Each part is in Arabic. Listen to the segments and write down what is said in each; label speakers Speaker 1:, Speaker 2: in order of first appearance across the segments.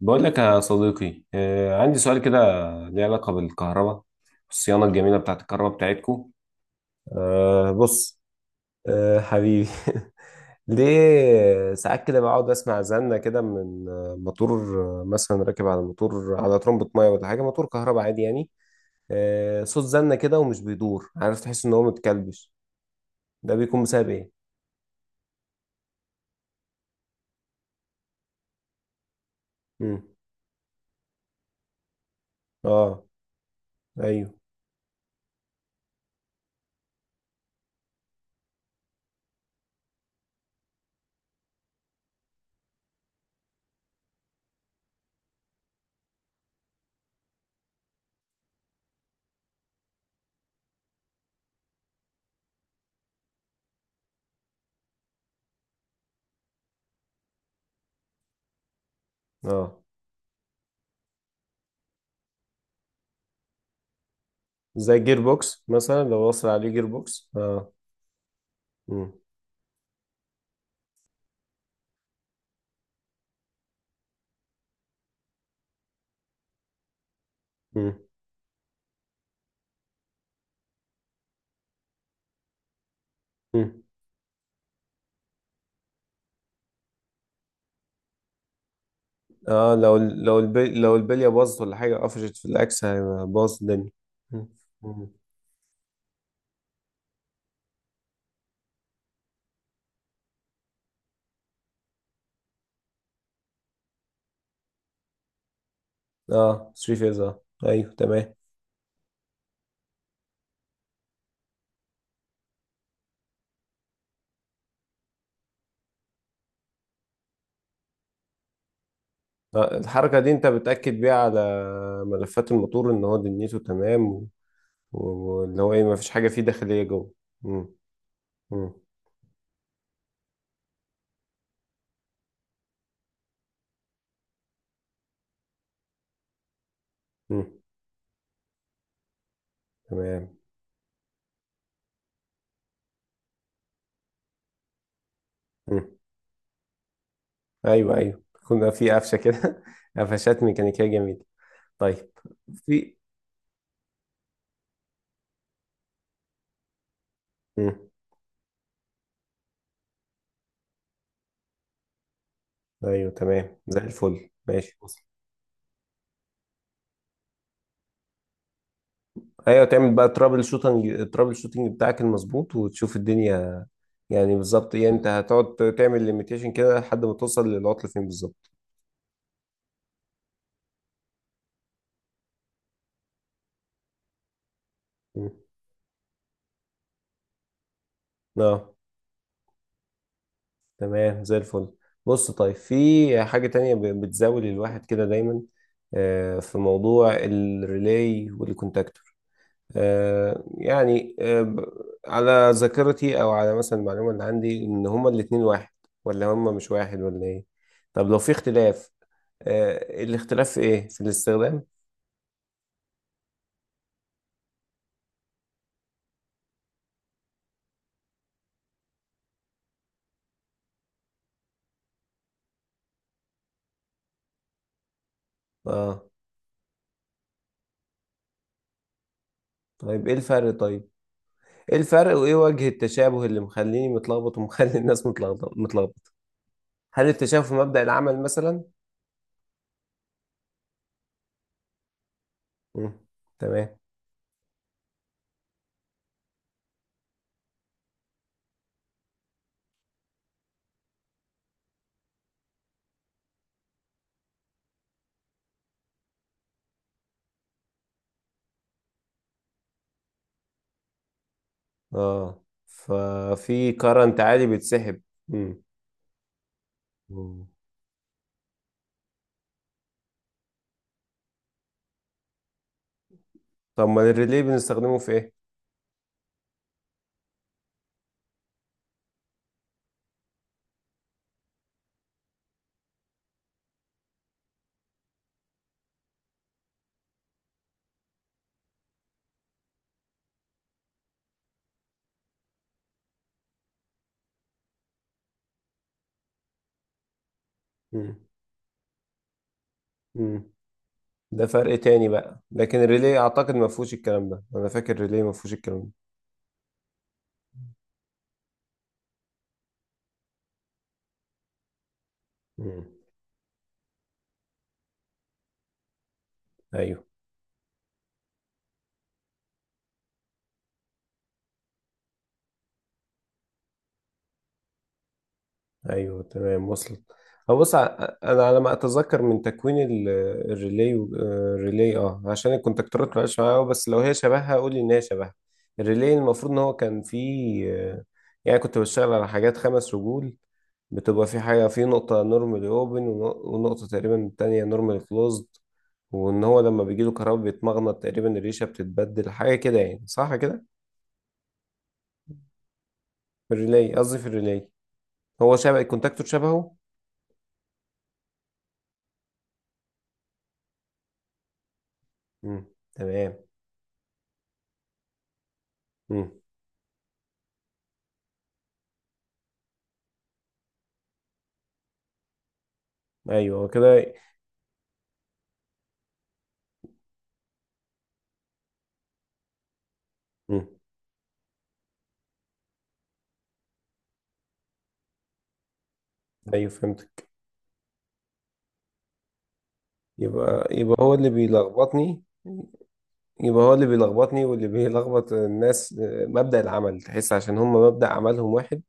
Speaker 1: بقول لك يا صديقي، عندي سؤال كده ليه علاقة بالكهرباء، الصيانة الجميلة بتاعت الكهرباء بتاعتكو. أه بص. أه حبيبي ليه ساعات كده بقعد اسمع زنة كده من موتور، مثلا راكب على موتور على ترمبة ميه ولا حاجة، موتور كهرباء عادي يعني. أه صوت زنة كده ومش بيدور، عارف، تحس ان هو متكلبش. ده بيكون بسبب ايه؟ مم. اه. ايوه. اه. زي جير بوكس مثلا، لو وصل عليه جير بوكس اه. مم. مم. اه، لو البليه باظت ولا حاجه، قفشت في الاكس، هيبقى باظ الدنيا. مم. مم. اه، 3 فيز اه، ايوه تمام. آه الحركه دي انت بتاكد بيها على ملفات الموتور ان هو دنيته تمام و- واللي هو ايه، ما فيش حاجه فيه داخليه جوه. مم. مم. مم. تمام. مم. ايوه ايوه. كنا في قفشه كده قفشات ميكانيكيه جميله. طيب. في. مم. ايوه تمام زي الفل، ماشي. ايوه تعمل بقى ترابل شوتنج، الترابل شوتنج بتاعك المظبوط، وتشوف الدنيا يعني بالظبط. يعني انت هتقعد تعمل ليميتيشن كده لحد ما توصل للعطل فين بالظبط. مم. اه تمام زي الفل. بص طيب، في حاجة تانية بتزاول الواحد كده دايما، في موضوع الريلاي والكونتاكتور. آه، يعني آه، ب- على ذاكرتي او على مثلا المعلومة اللي عندي ان هما الاتنين واحد، ولا هما مش واحد ولا ايه؟ طب لو في اختلاف، الاختلاف في ايه، في الاستخدام؟ اه. طيب ايه الفرق طيب؟ ايه الفرق وايه وجه التشابه اللي مخليني متلخبط ومخلي الناس متلخبط؟ هل التشابه في مبدأ العمل مثلا؟ مم. تمام. اه ففي كرنت عالي بيتسحب. مم. مم. طب ما الريلي بنستخدمه في ايه؟ مم. مم. ده فرق تاني بقى، لكن الريلي اعتقد ما فيهوش الكلام ده، انا فاكر الريلي ما فيهوش الكلام ده. مم. ايوه. ايوه تمام وصلت. هو بص انا على ما اتذكر من تكوين الريلي الريلي، اه عشان الكونتاكتورات ما بقاش معايا أوي، بس لو هي شبهها قول لي ان هي شبهها. الريلي المفروض ان هو كان فيه، يعني كنت بشتغل على حاجات خمس رجول، بتبقى في حاجه في نقطه نورمالي اوبن، ونقطه تقريبا تانية نورمالي كلوزد، وان هو لما بيجي له كهرباء بيتمغنط، تقريبا الريشه بتتبدل حاجه كده يعني، صح كده؟ في الريلي، قصدي في الريلي. هو شبه الكونتاكتور، شبهه. امم. تمام. مم. ايوه هو كده. مم. ايوه فهمتك. يبقى هو اللي بيلخبطني. يبقى هو اللي بيلخبطني واللي بيلخبط الناس، مبدأ العمل، تحس عشان هم مبدأ عملهم واحد.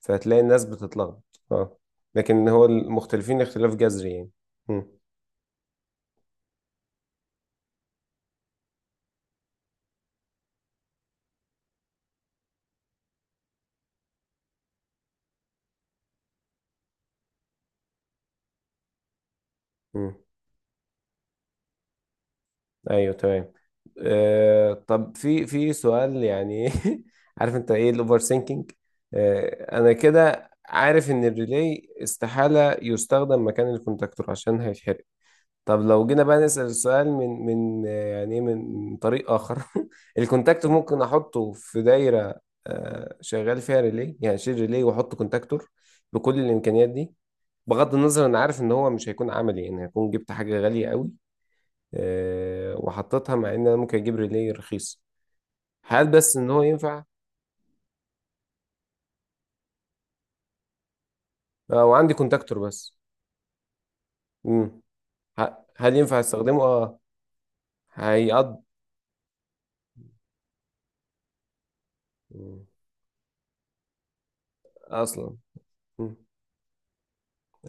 Speaker 1: فهتلاقي الناس بتتلخبط اه. لكن هو المختلفين اختلاف جذري يعني. مم. مم. ايوه تمام. آه طب في سؤال يعني عارف انت ايه الاوفر سينكينج؟ آه انا كده عارف ان الريلي استحالة يستخدم مكان الكونتاكتور عشان هيتحرق. طب لو جينا بقى نسأل السؤال من من آه، يعني إيه، من طريق اخر الكونتاكتور ممكن احطه في دايرة آه شغال فيها ريلي؟ يعني اشيل ريلي واحط كونتاكتور، بكل الامكانيات دي. بغض النظر، انا عارف ان هو مش هيكون عملي، يعني هيكون جبت حاجة غالية قوي وحطيتها، مع ان انا ممكن اجيب ريلي رخيص. هل بس ان هو ينفع؟ وعندي كونتاكتور بس. مم. هل ينفع استخدمه اه؟ هيقض. مم. اصلا. مم.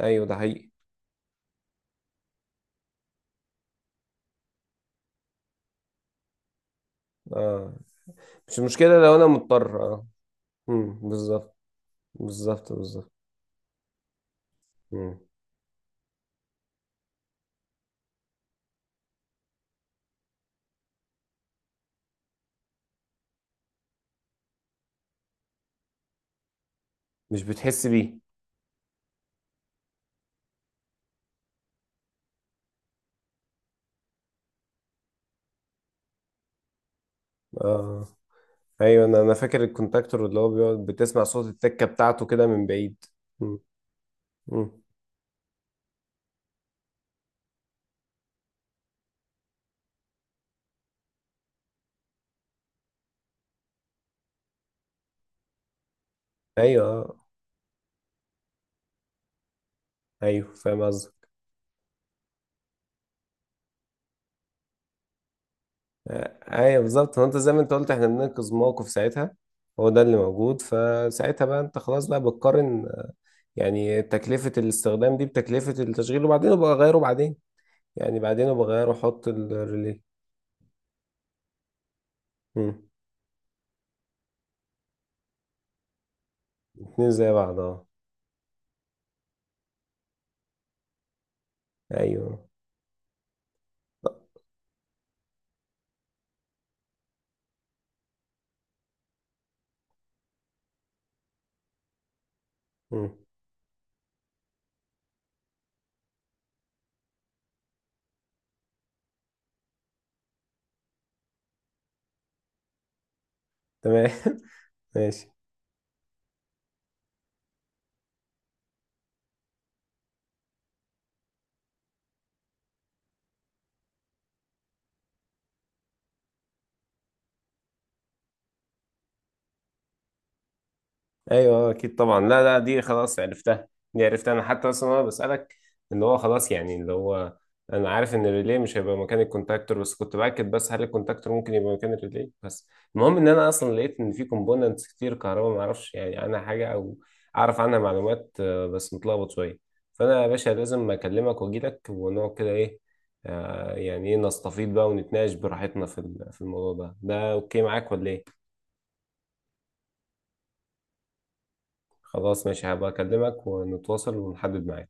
Speaker 1: ايوه ده حقيقي. اه. مش مشكلة لو انا مضطر اه. مم. بالظبط بالظبط. مم. مش بتحس بيه. اه ايوه، انا فاكر الكونتاكتور، اللي هو بيقعد بتسمع صوت التكة بتاعته كده من بعيد. مم. مم. ايوه آه. ايوه فاهم قصدك. ايوه بالظبط، هو انت زي ما انت قلت احنا بننقذ موقف ساعتها، هو ده اللي موجود فساعتها، بقى انت خلاص بقى بتقارن يعني تكلفة الاستخدام دي بتكلفة التشغيل، وبعدين ابقى اغيره بعدين، يعني بعدين ابقى اغيره، احط الريلي. مم. اتنين زي بعض اه. ايوه. مم. تمام ماشي. ايوه اكيد طبعا، لا لا دي خلاص عرفتها، دي عرفتها انا، حتى اصلا انا بسالك. اللي هو خلاص يعني، اللي هو انا عارف ان الريلي مش هيبقى مكان الكونتاكتور، بس كنت باكد بس، هل الكونتاكتور ممكن يبقى مكان الريلي بس. المهم ان انا اصلا لقيت ان في كومبوننتس كتير كهرباء ما اعرفش يعني عنها حاجه، او اعرف عنها معلومات بس متلخبط شويه. فانا يا باشا لازم اكلمك واجي لك ونقعد كده ايه، يعني ايه، نستفيض بقى ونتناقش براحتنا في في الموضوع ده، ده اوكي معاك ولا ايه؟ خلاص ماشي، هبقى اكلمك ونتواصل ونحدد ميعاد.